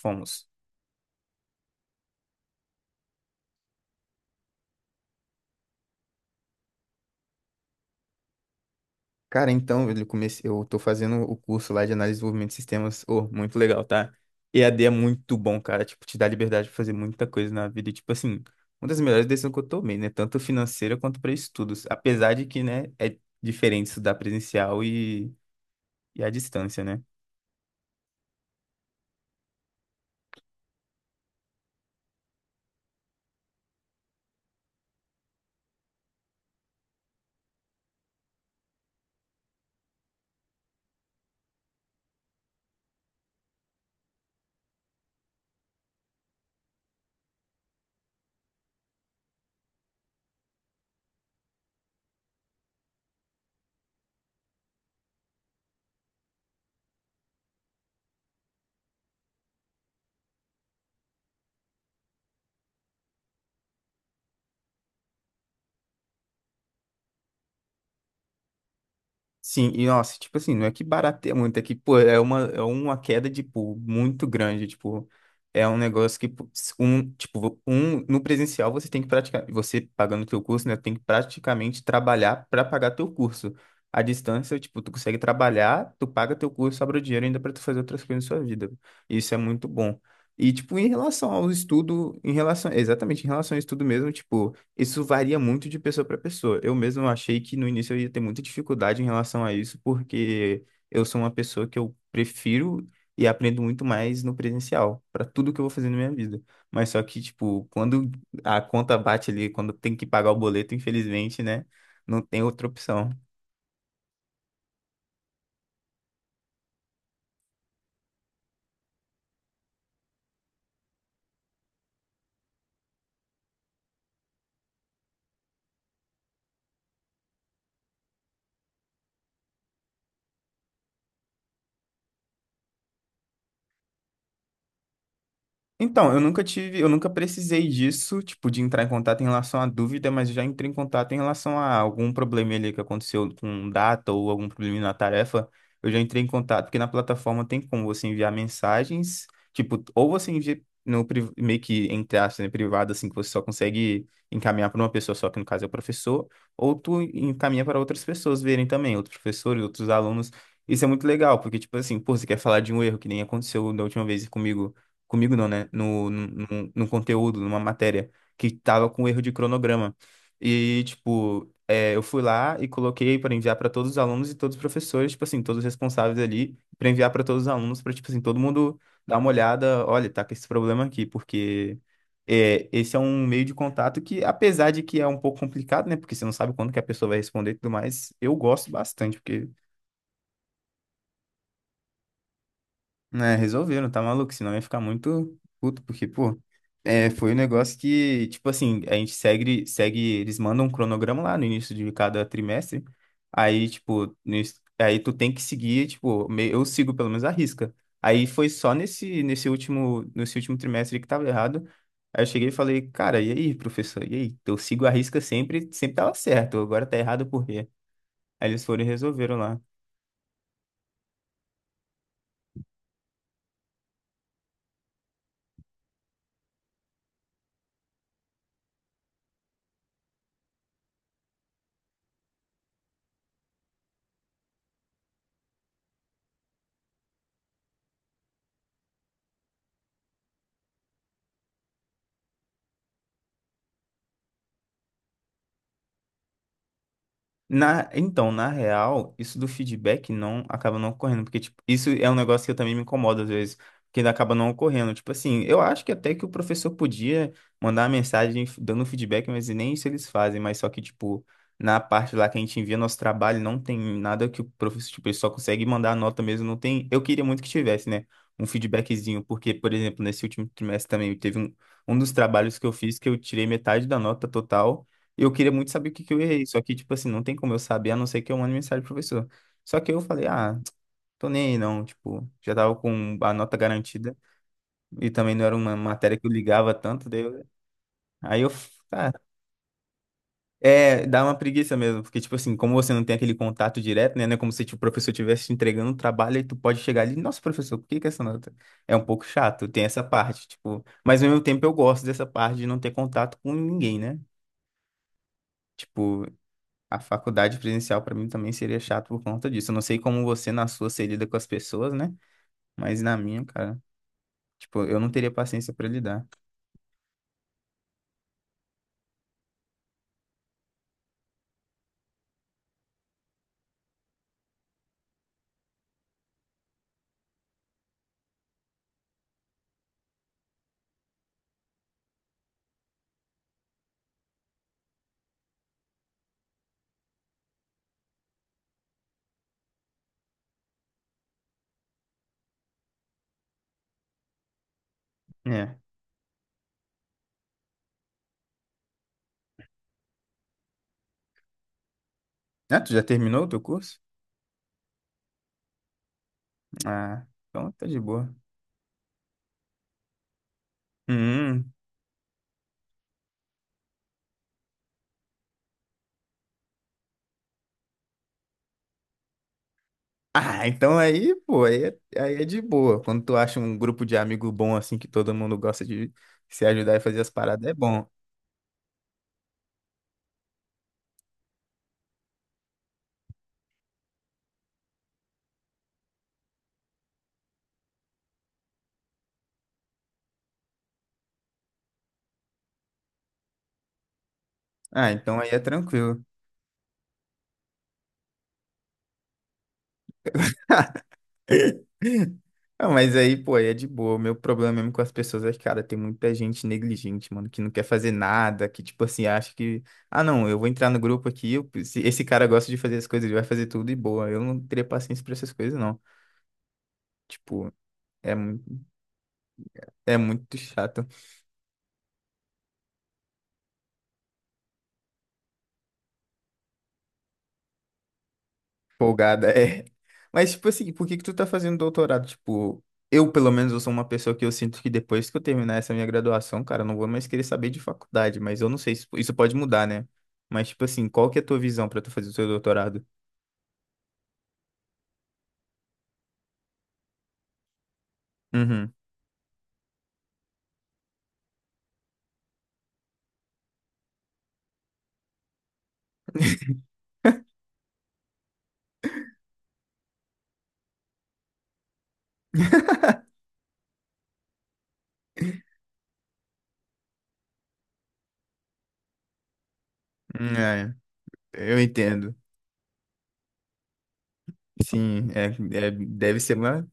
Fomos. Cara, então eu tô fazendo o curso lá de análise e desenvolvimento de sistemas. Oh, muito legal, tá? E a d é muito bom, cara. Tipo, te dá liberdade de fazer muita coisa na vida. E, tipo assim, uma das melhores decisões que eu tomei, né? Tanto financeira quanto para estudos. Apesar de que, né, é diferente estudar presencial e, à distância, né? Sim, e nossa, tipo assim, não é que barateia muito, é que, pô, é uma queda de pô muito grande, tipo, é um negócio que, pô, no presencial você tem que praticar, você pagando teu curso, né, tem que praticamente trabalhar para pagar teu curso. À distância, tipo, tu consegue trabalhar, tu paga teu curso, sobra o dinheiro ainda para tu fazer outras coisas na sua vida. Isso é muito bom. E, tipo, em relação ao estudo, em relação, exatamente, em relação ao estudo mesmo, tipo, isso varia muito de pessoa para pessoa. Eu mesmo achei que no início eu ia ter muita dificuldade em relação a isso, porque eu sou uma pessoa que eu prefiro e aprendo muito mais no presencial, para tudo que eu vou fazer na minha vida. Mas só que, tipo, quando a conta bate ali, quando tem que pagar o boleto, infelizmente, né, não tem outra opção. Então, eu nunca precisei disso, tipo, de entrar em contato em relação à dúvida, mas eu já entrei em contato em relação a algum problema ali que aconteceu com data ou algum problema na tarefa. Eu já entrei em contato, porque na plataforma tem como você enviar mensagens, tipo, ou você envia no meio que entre aspas, né, privado, assim, que você só consegue encaminhar para uma pessoa só, que no caso é o professor, ou tu encaminha para outras pessoas verem também, outros professores, outros alunos. Isso é muito legal, porque, tipo assim, pô, você quer falar de um erro que nem aconteceu da última vez comigo não, né? No, no conteúdo, numa matéria, que tava com erro de cronograma. E, tipo, é, eu fui lá e coloquei para enviar para todos os alunos e todos os professores, tipo assim, todos os responsáveis ali, para enviar para todos os alunos, para, tipo assim, todo mundo dar uma olhada, olha, tá com esse problema aqui, porque é, esse é um meio de contato que, apesar de que é um pouco complicado, né? Porque você não sabe quando que a pessoa vai responder e tudo mais, eu gosto bastante, porque é, resolveram, tá maluco? Senão ia ficar muito puto, porque, pô, é, foi um negócio que, tipo assim, a gente segue, eles mandam um cronograma lá no início de cada trimestre, aí, tipo, no aí tu tem que seguir, tipo, eu sigo pelo menos a risca. Aí foi só nesse último trimestre que tava errado, aí eu cheguei e falei, cara, e aí, professor, e aí? Eu sigo a risca sempre, sempre tava certo, agora tá errado por quê? Aí eles foram e resolveram lá. Então, na real, isso do feedback não acaba não ocorrendo, porque tipo, isso é um negócio que eu também me incomodo às vezes, que ainda acaba não ocorrendo. Tipo assim, eu acho que até que o professor podia mandar uma mensagem dando feedback, mas nem isso eles fazem, mas só que, tipo, na parte lá que a gente envia nosso trabalho, não tem nada que o professor, tipo, ele só consegue mandar a nota mesmo, não tem. Eu queria muito que tivesse, né? Um feedbackzinho, porque, por exemplo, nesse último trimestre também um dos trabalhos que eu fiz que eu tirei metade da nota total. Eu queria muito saber o que que eu errei, só que, tipo assim, não tem como eu saber, a não ser que eu mande mensagem pro professor. Só que eu falei, ah, tô nem aí não, tipo, já tava com a nota garantida e também não era uma matéria que eu ligava tanto, daí eu... Aí eu, tá, é, dá uma preguiça mesmo, porque, tipo assim, como você não tem aquele contato direto, né, não é como se tipo, o professor estivesse te entregando um trabalho e tu pode chegar ali, nossa, professor, por que que essa nota? É um pouco chato, tem essa parte, tipo, mas ao mesmo tempo eu gosto dessa parte de não ter contato com ninguém, né? Tipo, a faculdade presencial pra mim também seria chato por conta disso. Eu não sei como você na sua se lida com as pessoas, né? Mas na minha, cara, tipo, eu não teria paciência pra lidar. É. Ah, tu já terminou o teu curso? Ah, então tá de boa. Hum. Ah, então aí, pô, aí é de boa. Quando tu acha um grupo de amigo bom assim que todo mundo gosta de se ajudar e fazer as paradas, é bom. Ah, então aí é tranquilo. Ah, mas aí, pô, aí é de boa. O meu problema mesmo com as pessoas é que, cara, tem muita gente negligente, mano, que não quer fazer nada, que, tipo assim, acha que, ah, não, eu vou entrar no grupo aqui, se esse cara gosta de fazer as coisas, ele vai fazer tudo e boa. Eu não teria paciência pra essas coisas, não. Tipo, é, é muito chato. Folgada, é. Mas, tipo assim, por que que tu tá fazendo doutorado? Tipo, eu, pelo menos, eu sou uma pessoa que eu sinto que depois que eu terminar essa minha graduação, cara, eu não vou mais querer saber de faculdade, mas eu não sei, se isso pode mudar, né? Mas, tipo assim, qual que é a tua visão pra tu fazer o teu doutorado? Uhum. É, eu entendo. Sim, é, é- deve ser mais.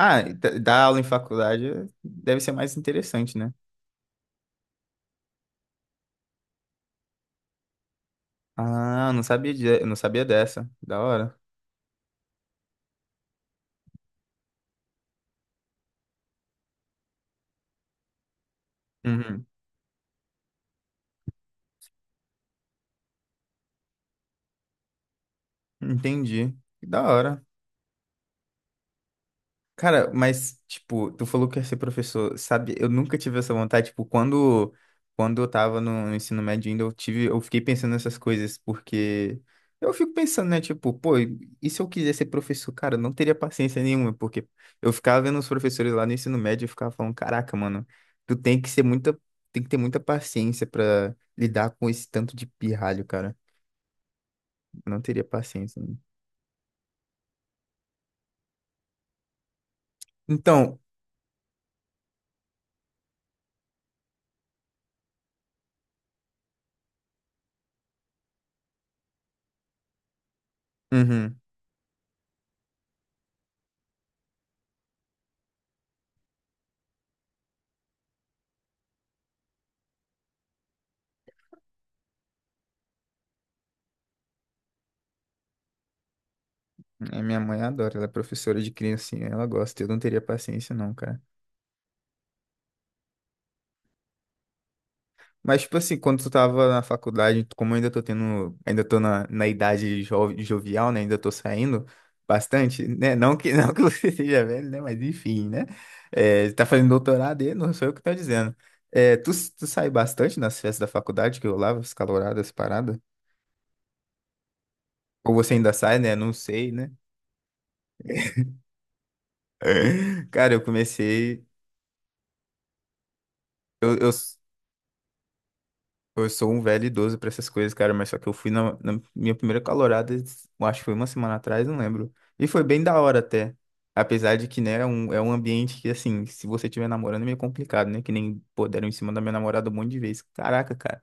Ah, dar aula em faculdade é- deve ser mais interessante, né? Ah, não sabia, de, não sabia dessa. Da hora. Uhum. Entendi. Da hora. Cara, mas, tipo, tu falou que ia ser professor, sabe? Eu nunca tive essa vontade, tipo, quando eu tava no, no ensino médio ainda, eu tive, eu fiquei pensando nessas coisas, porque eu fico pensando, né, tipo, pô, e se eu quiser ser professor, cara, eu não teria paciência nenhuma, porque eu ficava vendo os professores lá no ensino médio e ficava falando, caraca, mano, tu tem que ser muita, tem que ter muita paciência pra lidar com esse tanto de pirralho, cara. Eu não teria paciência. Né? Então, uhum. É, minha mãe adora, ela é professora de criancinha, ela gosta. Eu não teria paciência, não, cara. Mas, tipo assim, quando tu tava na faculdade, como eu ainda tô tendo, ainda tô na, na idade jovial, né? Ainda tô saindo bastante, né? Não que, não que você seja velho, né? Mas enfim, né? É, tá fazendo doutorado e não sou eu que tô dizendo. É, tu sai bastante nas festas da faculdade que eu rolava, as caloradas, parada? Ou você ainda sai, né? Não sei, né? Cara, eu comecei. Eu, eu, Eu sou um velho idoso pra essas coisas, cara, mas só que eu fui na, na minha primeira calorada, eu acho que foi uma semana atrás, não lembro. E foi bem da hora até. Apesar de que, né, é um ambiente que, assim, se você estiver namorando é meio complicado, né? Que nem, pô, deram em cima da minha namorada um monte de vezes. Caraca, cara.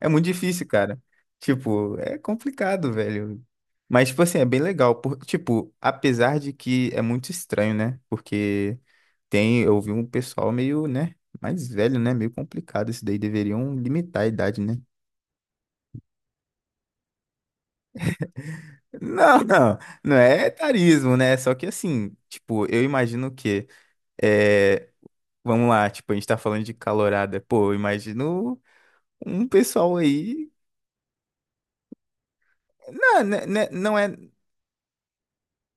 É muito difícil, cara. Tipo, é complicado, velho. Mas, tipo assim, é bem legal. Por, tipo, apesar de que é muito estranho, né? Porque tem, eu vi um pessoal meio, né? Mais velho, né? Meio complicado. Isso daí deveriam limitar a idade, né? Não, não é etarismo, né? Só que assim, tipo, eu imagino que, é, vamos lá, tipo, a gente tá falando de calorada, pô, eu imagino um pessoal aí, não,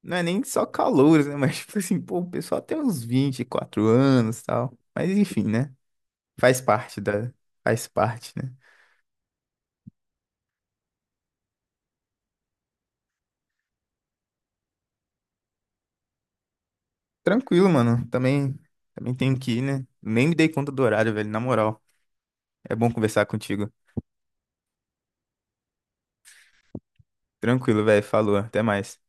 não é nem só calouros, né? Mas tipo assim, pô, o pessoal tem uns 24 anos e tal, mas enfim, né? Faz parte da, faz parte, né? Tranquilo, mano, também, também tenho que ir, né? Nem me dei conta do horário, velho, na moral. É bom conversar contigo. Tranquilo, velho, falou, até mais.